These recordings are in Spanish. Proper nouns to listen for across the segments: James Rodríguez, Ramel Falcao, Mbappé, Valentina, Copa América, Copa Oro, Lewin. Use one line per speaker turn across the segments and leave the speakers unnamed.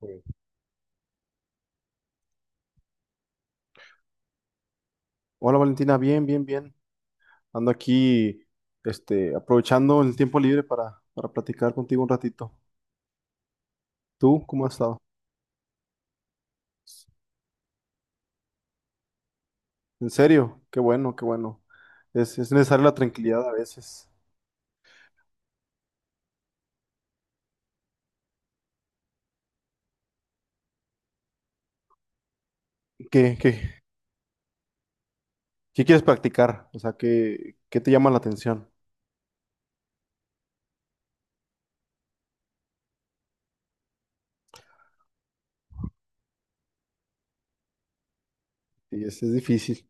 Sí. Hola Valentina, bien, bien, bien. Ando aquí, aprovechando el tiempo libre para platicar contigo un ratito. ¿Tú cómo has estado? En serio, qué bueno, qué bueno. Es necesaria la tranquilidad a veces. ¿Qué, qué, qué quieres practicar? O sea, ¿ qué te llama la atención? Y es difícil.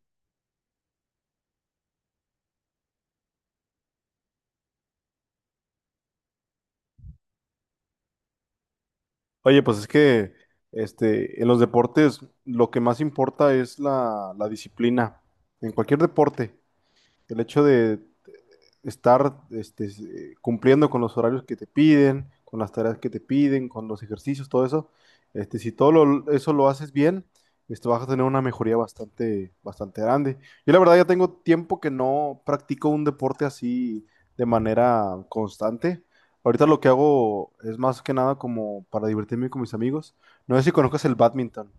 Oye, pues es que en los deportes lo que más importa es la disciplina. En cualquier deporte, el hecho de estar cumpliendo con los horarios que te piden, con las tareas que te piden, con los ejercicios, todo eso. Si eso lo haces bien, esto vas a tener una mejoría bastante, bastante grande. Yo la verdad ya tengo tiempo que no practico un deporte así de manera constante. Ahorita lo que hago es más que nada como para divertirme con mis amigos. No sé si conozcas el badminton.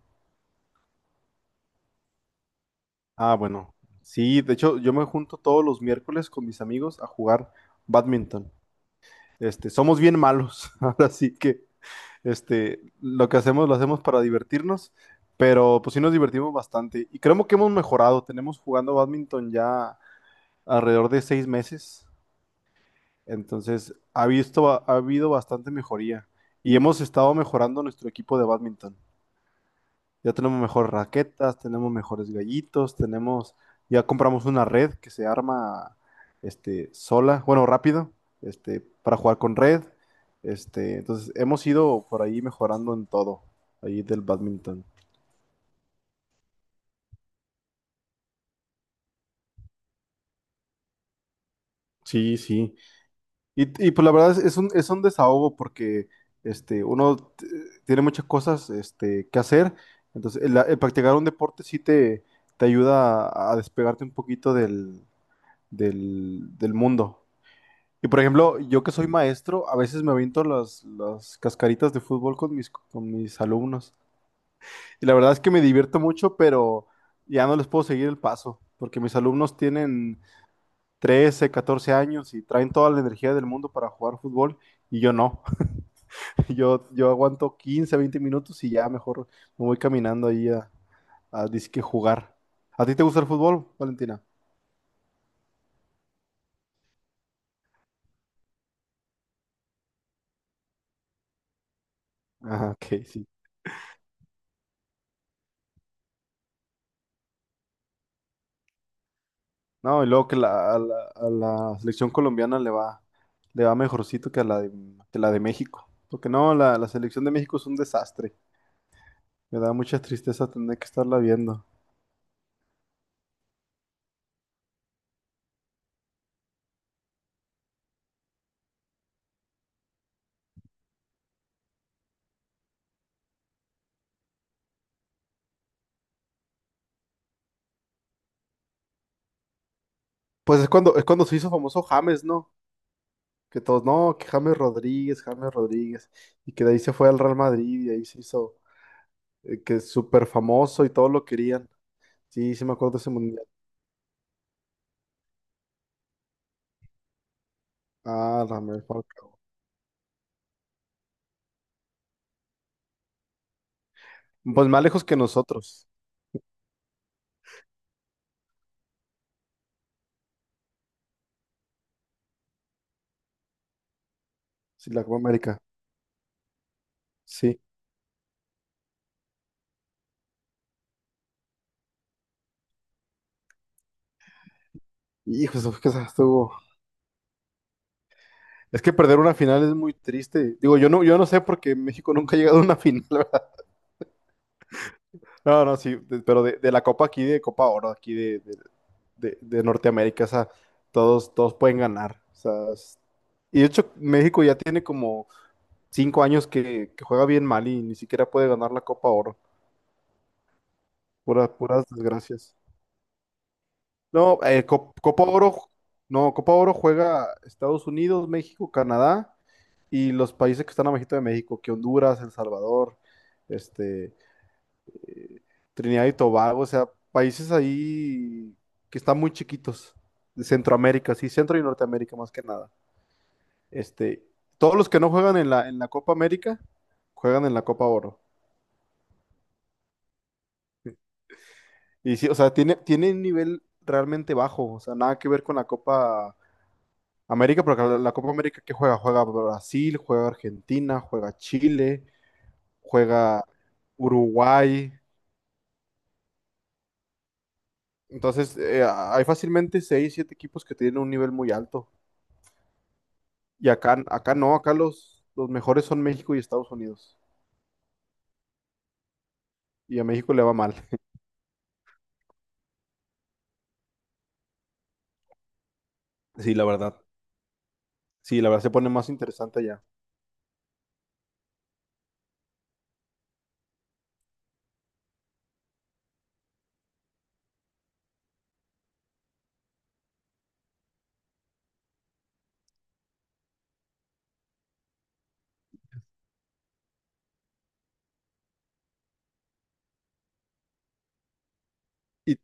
Ah, bueno. Sí, de hecho yo me junto todos los miércoles con mis amigos a jugar badminton. Somos bien malos, ahora sí que lo que hacemos lo hacemos para divertirnos, pero pues sí nos divertimos bastante y creemos que hemos mejorado. Tenemos jugando bádminton ya alrededor de seis meses, entonces ha habido bastante mejoría y hemos estado mejorando nuestro equipo de bádminton. Ya tenemos mejores raquetas, tenemos mejores gallitos, tenemos, ya compramos una red que se arma sola, bueno, rápido, para jugar con red. Entonces hemos ido por ahí mejorando en todo, ahí del badminton. Sí, sí. Pues la verdad es es un desahogo porque este, uno t- tiene muchas cosas que hacer. Entonces, el practicar un deporte sí te ayuda a despegarte un poquito del mundo. Y por ejemplo, yo que soy maestro, a veces me aviento las cascaritas de fútbol con con mis alumnos. Y la verdad es que me divierto mucho, pero ya no les puedo seguir el paso, porque mis alumnos tienen 13 14 años y traen toda la energía del mundo para jugar fútbol y yo no. Yo aguanto 15 20 minutos y ya mejor me voy caminando a disque jugar. ¿A ti te gusta el fútbol, Valentina? Ah, ok, sí. No, y luego que a la selección colombiana le va mejorcito que a la de, que la de México. Porque no, la selección de México es un desastre. Me da mucha tristeza tener que estarla viendo. Pues es cuando se hizo famoso James, ¿no? Que todos, no, que James Rodríguez, James Rodríguez. Y que de ahí se fue al Real Madrid y ahí se hizo, que es súper famoso y todos lo querían. Sí, sí me acuerdo de ese mundial. Ah, Ramel Falcao. Pues más lejos que nosotros. Sí, la Copa América. Sí. Hijo, eso fue que se estuvo. Es que perder una final es muy triste. Digo, yo no sé porque México nunca ha llegado a una final, ¿verdad? No, no, sí, de- pero de la Copa aquí, de Copa Oro, aquí de Norteamérica, o sea, todos, todos pueden ganar. O sea, es- y de hecho, México ya tiene como cinco años que juega bien mal y ni siquiera puede ganar la Copa Oro. Puras, puras desgracias. No, Copa Oro, no, Copa Oro juega Estados Unidos, México, Canadá y los países que están abajito de México, que Honduras, El Salvador, este, eh, Trinidad y Tobago, o sea, países ahí que están muy chiquitos, de Centroamérica, sí, Centro y Norteamérica más que nada. Este, Todos los que no juegan en en la Copa América, juegan en la Copa Oro. Y sí, o sea, tiene un nivel realmente bajo, o sea, nada que ver con la Copa América, porque la Copa América que juega, juega Brasil, juega Argentina, juega Chile, juega Uruguay. Entonces, hay fácilmente seis, siete equipos que tienen un nivel muy alto. Y acá no, acá los mejores son México y Estados Unidos. Y a México le va mal. Sí, la verdad. Sí, la verdad se pone más interesante ya. Y,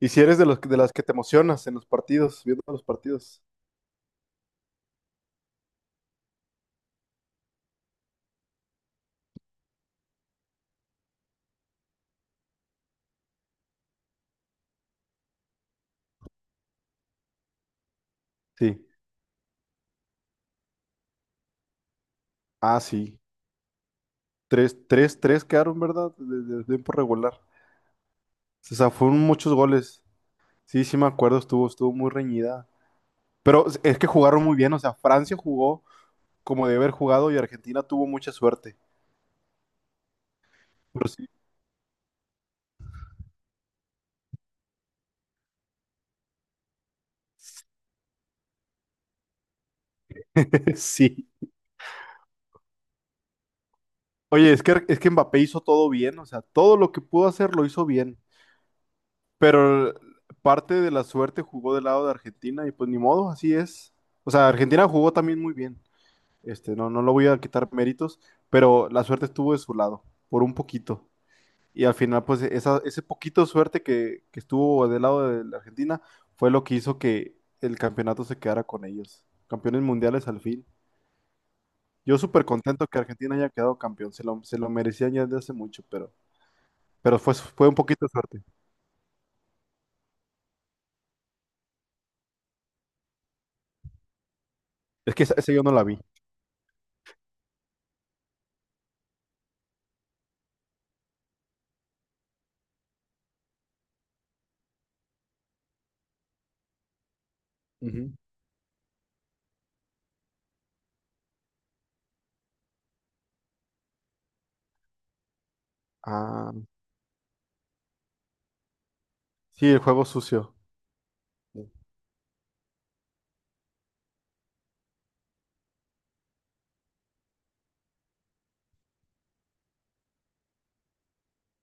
y si eres de los, de las que te emocionas en los partidos, viendo los partidos. Sí. Ah, sí. Tres, tres, tres quedaron, ¿verdad? De tiempo regular. O sea, fueron muchos goles. Sí, sí me acuerdo, estuvo, estuvo muy reñida. Pero es que jugaron muy bien, o sea, Francia jugó como debe haber jugado y Argentina tuvo mucha suerte. Pero sí, sí. Oye, es que Mbappé hizo todo bien, o sea, todo lo que pudo hacer lo hizo bien. Pero parte de la suerte jugó del lado de Argentina y pues ni modo, así es. O sea, Argentina jugó también muy bien. No, no lo voy a quitar méritos, pero la suerte estuvo de su lado, por un poquito. Y al final, pues ese poquito suerte que estuvo del lado de la Argentina fue lo que hizo que el campeonato se quedara con ellos. Campeones mundiales al fin. Yo súper contento que Argentina haya quedado campeón. Se lo merecían ya desde hace mucho, pero fue, fue un poquito de suerte. Es que esa yo no la vi. Ujú. Ah, sí, el juego sucio.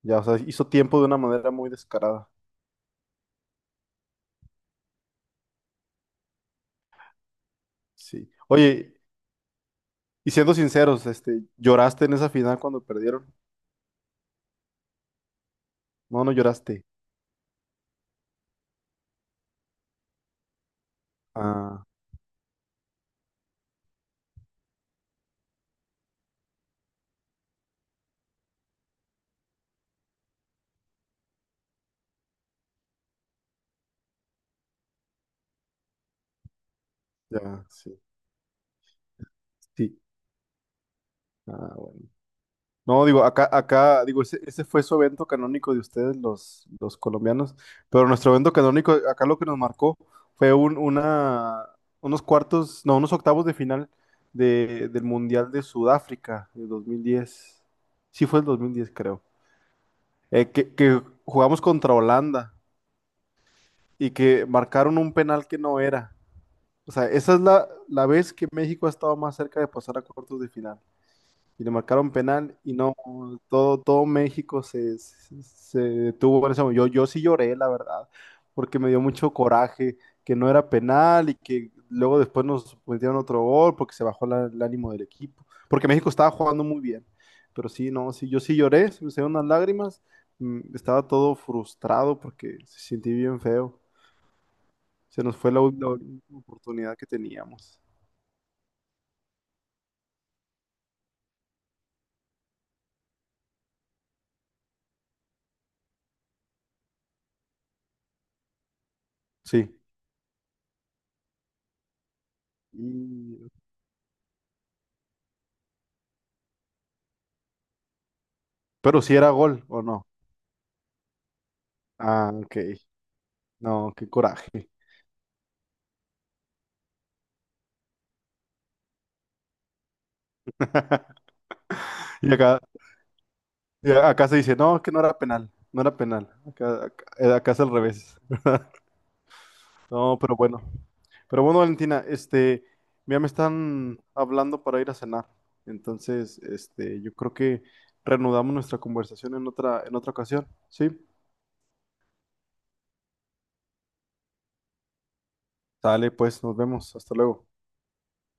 Ya, o sea, hizo tiempo de una manera muy descarada. Sí. Oye, y siendo sinceros, ¿lloraste en esa final cuando perdieron? No, no lloraste. Ah, ya, sí. Sí. Ah, bueno. No, digo, acá, acá, digo, ese fue su evento canónico de ustedes, los colombianos, pero nuestro evento canónico, acá lo que nos marcó fue unos cuartos, no, unos octavos de final del Mundial de Sudáfrica de 2010. Sí fue el 2010, creo. Que jugamos contra Holanda y que marcaron un penal que no era. O sea, esa es la vez que México ha estado más cerca de pasar a cuartos de final. Y le marcaron penal y no, todo, todo México se detuvo en ese momento. Yo sí lloré, la verdad, porque me dio mucho coraje que no era penal y que luego después nos metieron otro gol porque se bajó el ánimo del equipo, porque México estaba jugando muy bien. Pero sí, no, sí, yo sí lloré, se me salieron unas lágrimas, mm, estaba todo frustrado porque se sentí bien feo. Se nos fue la última oportunidad que teníamos. Sí. Y- pero si era gol o no. Ah, ok. No, qué coraje. Y acá, y acá se dice, no, que no era penal, no era penal. Acá, acá, acá es al revés. No, pero bueno. Pero bueno, Valentina, ya me están hablando para ir a cenar. Entonces, yo creo que reanudamos nuestra conversación en otra ocasión. Sí. Sale, pues, nos vemos. Hasta luego.